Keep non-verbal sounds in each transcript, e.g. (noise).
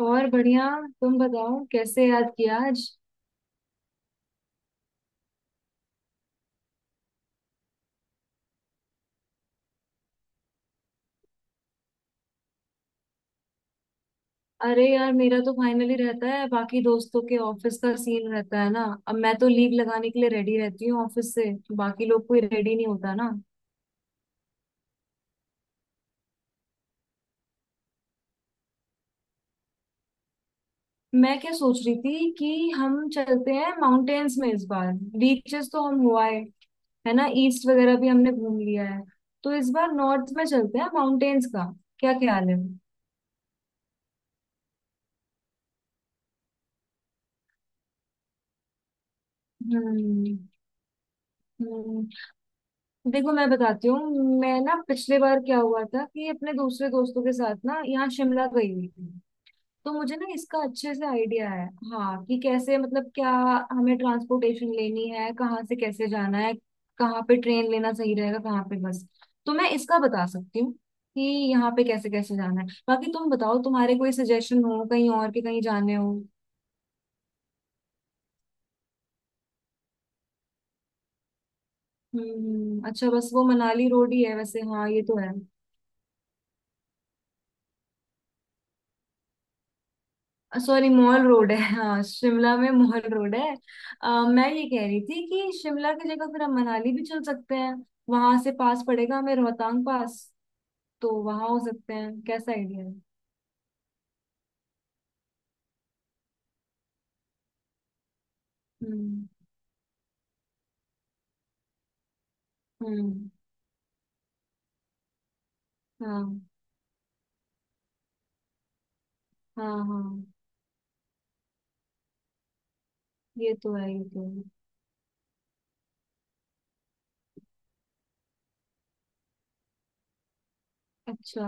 और बढ़िया। तुम बताओ कैसे याद किया आज? अरे यार मेरा तो फाइनली रहता है, बाकी दोस्तों के ऑफिस का सीन रहता है ना, अब मैं तो लीव लगाने के लिए रेडी रहती हूँ ऑफिस से। बाकी लोग कोई रेडी नहीं होता ना। मैं क्या सोच रही थी कि हम चलते हैं माउंटेन्स में इस बार। बीचेस तो हम हुआ है ना। ईस्ट वगैरह भी हमने घूम लिया है, तो इस बार नॉर्थ में चलते हैं माउंटेन्स का। क्या ख्याल है? हम्म। देखो मैं बताती हूँ। मैं ना पिछले बार क्या हुआ था कि अपने दूसरे दोस्तों के साथ ना यहाँ शिमला गई हुई थी। तो मुझे ना इसका अच्छे से आइडिया है। हाँ, कि कैसे मतलब क्या, हमें ट्रांसपोर्टेशन लेनी है, कहाँ से कैसे जाना है, कहाँ पे ट्रेन लेना सही रहेगा, कहाँ पे बस। तो मैं इसका बता सकती हूँ कि यहाँ पे कैसे कैसे जाना है। बाकी तुम बताओ तुम्हारे कोई सजेशन हो कहीं और के, कहीं जाने हो। अच्छा, बस वो मनाली रोड ही है वैसे। हाँ, ये तो है। सॉरी, मॉल रोड है, हाँ शिमला में मॉल रोड है। अ, मैं ये कह रही थी कि शिमला की जगह फिर हम मनाली भी चल सकते हैं। वहां से पास पड़ेगा हमें रोहतांग पास, तो वहां हो सकते हैं। कैसा आइडिया है? हम्म हम्म हाँ हाँ। हाँ ये तो है, ये तो है। अच्छा,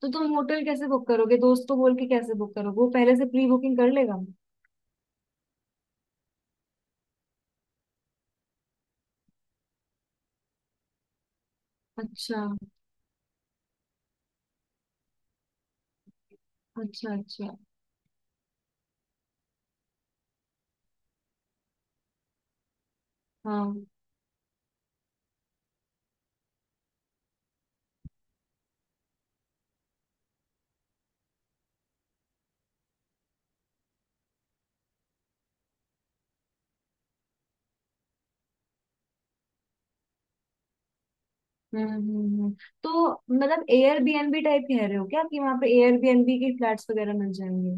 तो तुम होटल कैसे बुक करोगे? दोस्त को बोल के कैसे बुक करोगे? वो पहले से प्री बुकिंग कर लेगा? अच्छा अच्छा अच्छा हाँ हम्म हम्म, हम्म। तो मतलब एयरबीएनबी टाइप कह रहे हो क्या, कि वहां पे एयरबीएनबी के फ्लैट्स वगैरह मिल जाएंगे?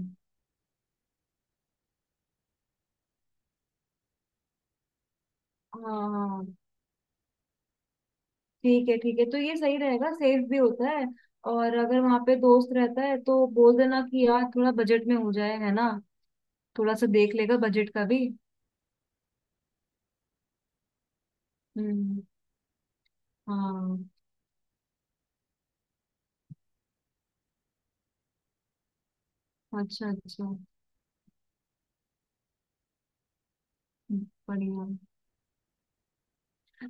हाँ, ठीक है ठीक है, तो ये सही रहेगा, सेफ भी होता है। और अगर वहां पे दोस्त रहता है तो बोल देना कि यार थोड़ा बजट में हो जाए, है ना। थोड़ा सा देख लेगा बजट का भी। हम्म हाँ अच्छा अच्छा बढ़िया।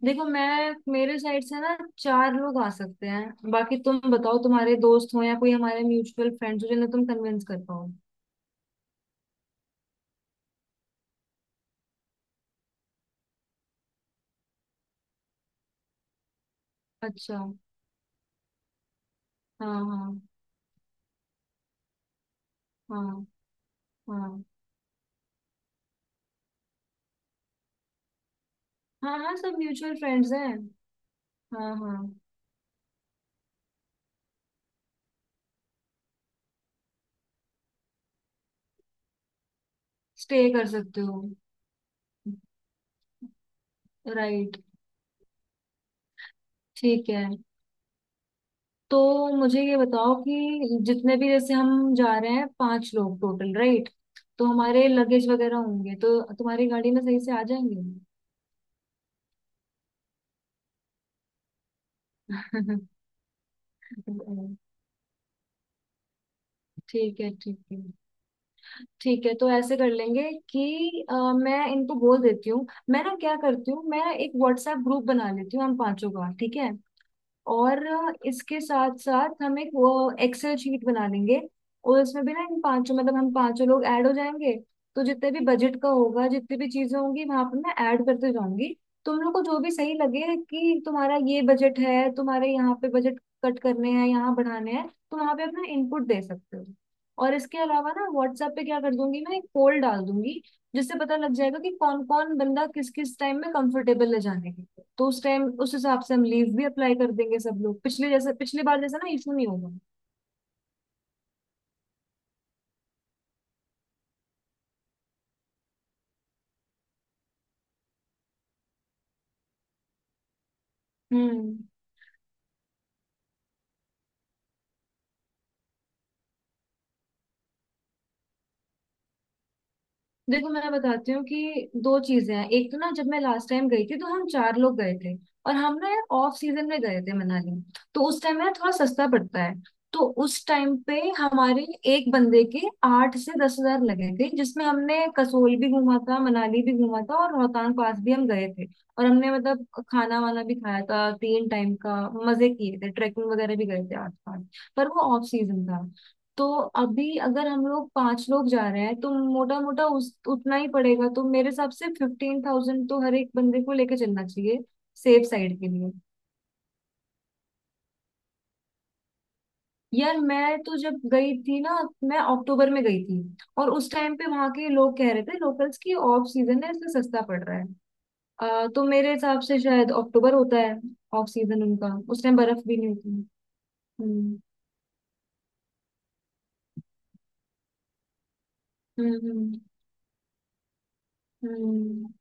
देखो, मैं मेरे साइड से ना चार लोग आ सकते हैं। बाकी तुम बताओ तुम्हारे दोस्त हो या कोई हमारे म्यूचुअल फ्रेंड्स हो जिन्हें तुम कन्विंस कर पाओ। अच्छा, हाँ हाँ हाँ हाँ हाँ हाँ, सब म्यूचुअल फ्रेंड्स हैं। हाँ हाँ। स्टे कर सकते हो। राइट। ठीक है, तो मुझे ये बताओ कि जितने भी जैसे हम जा रहे हैं, पांच लोग टोटल, राइट? तो हमारे लगेज वगैरह होंगे तो तुम्हारी गाड़ी में सही से आ जाएंगे? (laughs) ठीक है ठीक है। ठीक है तो ऐसे कर लेंगे कि मैं इनको बोल देती हूँ। मैं ना क्या करती हूँ, मैं एक व्हाट्सएप ग्रुप बना लेती हूँ हम पांचों का, ठीक है? और इसके साथ साथ हम एक वो एक्सेल शीट बना लेंगे। और उसमें भी ना इन पांचों मतलब हम पांचों लोग ऐड हो जाएंगे। तो जितने भी बजट का होगा, जितनी भी चीजें होंगी वहां पर मैं ऐड करते जाऊंगी। तुम लोग को जो भी सही लगे कि तुम्हारा ये बजट है, तुम्हारे यहाँ पे बजट कट करने हैं, यहाँ बढ़ाने हैं, तो वहां पे अपना इनपुट दे सकते हो। और इसके अलावा ना व्हाट्सएप पे क्या कर दूंगी, मैं एक पोल डाल दूंगी, जिससे पता लग जाएगा कि कौन कौन बंदा किस किस टाइम में कंफर्टेबल है जाने के लिए। तो उस टाइम उस हिसाब से हम लीव भी अप्लाई कर देंगे सब लोग। पिछले जैसे पिछली बार जैसा ना इशू नहीं होगा। हम्म। देखो मैं बताती हूँ कि दो चीजें हैं। एक तो ना जब मैं लास्ट टाइम गई थी तो हम चार लोग गए थे। और हम ना यार ऑफ सीजन में गए थे मनाली। तो उस टाइम ना थोड़ा सस्ता पड़ता है। तो उस टाइम पे हमारे एक बंदे के 8 से 10 हज़ार लगे थे, जिसमें हमने कसोल भी घूमा था, मनाली भी घूमा था और रोहतांग पास भी हम गए थे। और हमने मतलब खाना वाना भी खाया था 3 टाइम का। मजे किए थे, ट्रैकिंग वगैरह भी गए थे आस पास। पर वो ऑफ सीजन था। तो अभी अगर हम लोग पांच लोग जा रहे हैं तो मोटा मोटा उस उतना ही पड़ेगा। तो मेरे हिसाब से 15,000 तो हर एक बंदे को लेके चलना चाहिए, सेफ साइड के लिए। यार मैं तो जब गई थी ना, मैं अक्टूबर में गई थी। और उस टाइम पे वहां के लोग कह रहे थे लोकल्स की, ऑफ सीजन है इसलिए सस्ता पड़ रहा है। तो मेरे हिसाब से शायद अक्टूबर होता है ऑफ सीजन उनका। उस टाइम बर्फ भी नहीं होती। हम्म हम्म हम्म हम्म।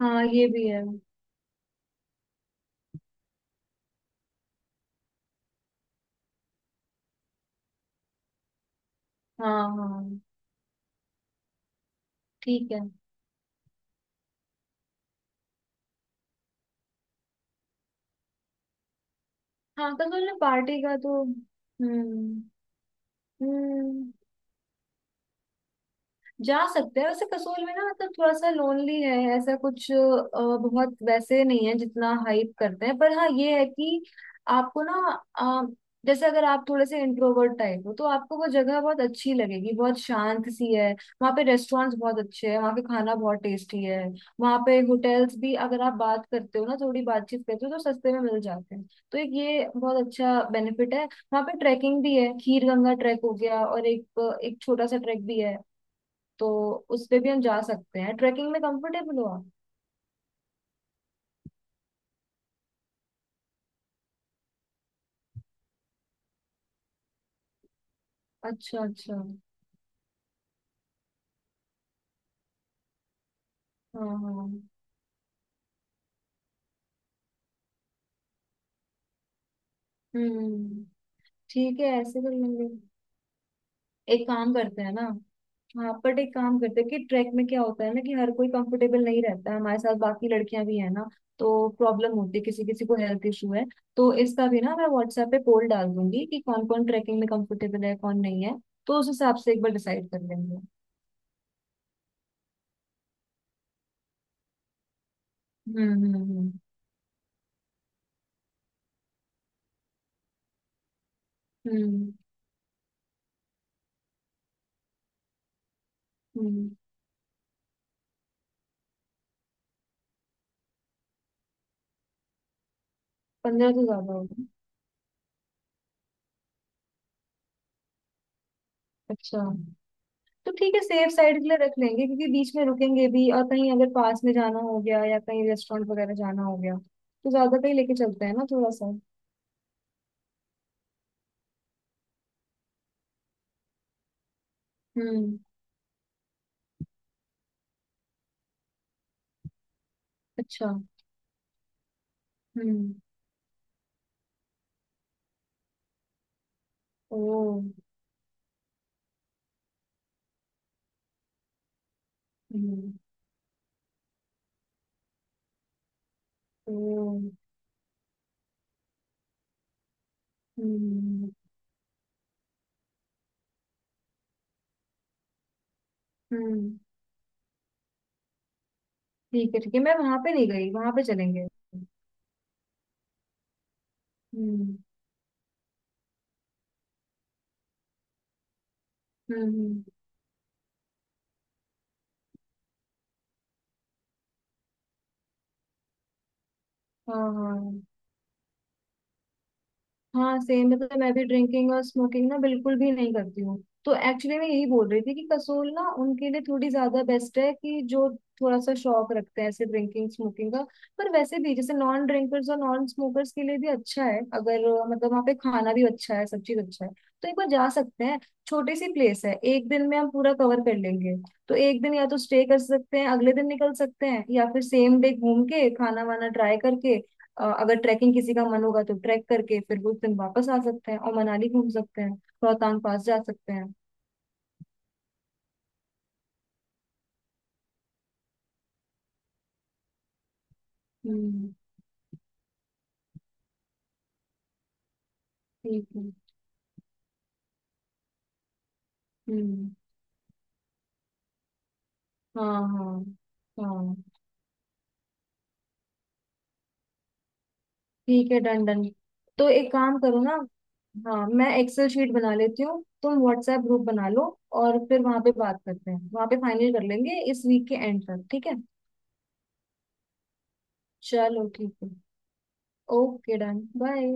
हाँ ये भी है। हाँ हाँ ठीक है। हाँ, कंसोल ने पार्टी का तो हम्म। हम्म, जा सकते हैं वैसे। कसोल में ना मतलब थोड़ा सा लोनली है ऐसा कुछ। बहुत वैसे नहीं है जितना हाइप करते हैं, पर हाँ ये है कि आपको ना अ, जैसे अगर आप थोड़े से इंट्रोवर्ट टाइप हो तो आपको वो जगह बहुत अच्छी लगेगी, बहुत शांत सी है। वहाँ पे रेस्टोरेंट्स बहुत अच्छे हैं, वहाँ पे खाना बहुत टेस्टी है। वहाँ पे होटल्स भी, अगर आप बात करते हो ना, थोड़ी बातचीत करते हो तो सस्ते में मिल जाते हैं। तो एक ये बहुत अच्छा बेनिफिट है। वहाँ पे ट्रैकिंग भी है, खीर गंगा ट्रैक हो गया और एक एक छोटा सा ट्रैक भी है। तो उस पे भी हम जा सकते हैं। ट्रैकिंग में कंफर्टेबल हो आप? अच्छा अच्छा हाँ हाँ हम्म ठीक है ऐसे कर लेंगे। एक काम करते हैं ना। हाँ, बट एक काम करते हैं कि ट्रैक में क्या होता है ना कि हर कोई कंफर्टेबल नहीं रहता है हमारे साथ। बाकी लड़कियां भी है ना। तो प्रॉब्लम होती है, किसी किसी को हेल्थ इशू है। तो इसका भी ना मैं व्हाट्सएप पे पोल डाल दूंगी कि कौन कौन ट्रैकिंग में कंफर्टेबल है कौन नहीं है। तो उस हिसाब से एक बार डिसाइड कर लेंगे। हम्म हम्म हम्म हम्म हम्म, 15 तो ज्यादा होगा। अच्छा, तो ठीक है, सेफ साइड के लिए रख लेंगे, क्योंकि बीच में रुकेंगे भी, और कहीं अगर पास में जाना हो गया या कहीं रेस्टोरेंट वगैरह जाना हो गया तो ज्यादा कहीं लेके चलते हैं ना थोड़ा सा। हम्म अच्छा हम्म ओ हम्म ओ हम्म हम्म। ठीक है ठीक है, मैं वहां पे नहीं गई, वहां पे चलेंगे। हम्म हम्म हम्म, हाँ हाँ हाँ, सेम मतलब मैं भी ड्रिंकिंग और स्मोकिंग ना बिल्कुल भी नहीं करती हूँ। तो एक्चुअली मैं यही बोल रही थी कि कसोल ना उनके लिए थोड़ी ज्यादा बेस्ट है, कि जो थोड़ा सा शौक रखते हैं ऐसे ड्रिंकिंग स्मोकिंग का। पर वैसे भी, जैसे नॉन ड्रिंकर्स और नॉन स्मोकर्स के लिए भी अच्छा है, अगर मतलब वहाँ पे खाना भी अच्छा है, सब चीज अच्छा है। तो एक बार जा सकते हैं। छोटी सी प्लेस है, एक दिन में हम पूरा कवर कर लेंगे। तो एक दिन या तो स्टे कर सकते हैं, अगले दिन निकल सकते हैं, या फिर सेम डे घूम के खाना वाना ट्राई करके अगर ट्रैकिंग किसी का मन होगा तो ट्रैक करके फिर उस दिन वापस आ सकते हैं और मनाली घूम सकते हैं, रोहतांग पास जा सकते हैं। हम्म ठीक है हम्म हाँ हाँ हाँ ठीक है, डन डन। तो एक काम करो ना। हाँ, मैं एक्सेल शीट बना लेती हूँ, तुम व्हाट्सएप ग्रुप बना लो। और फिर वहां पे बात करते हैं, वहां पे फाइनल कर लेंगे इस वीक के एंड तक, ठीक है। चलो ठीक है, ओके डन बाय।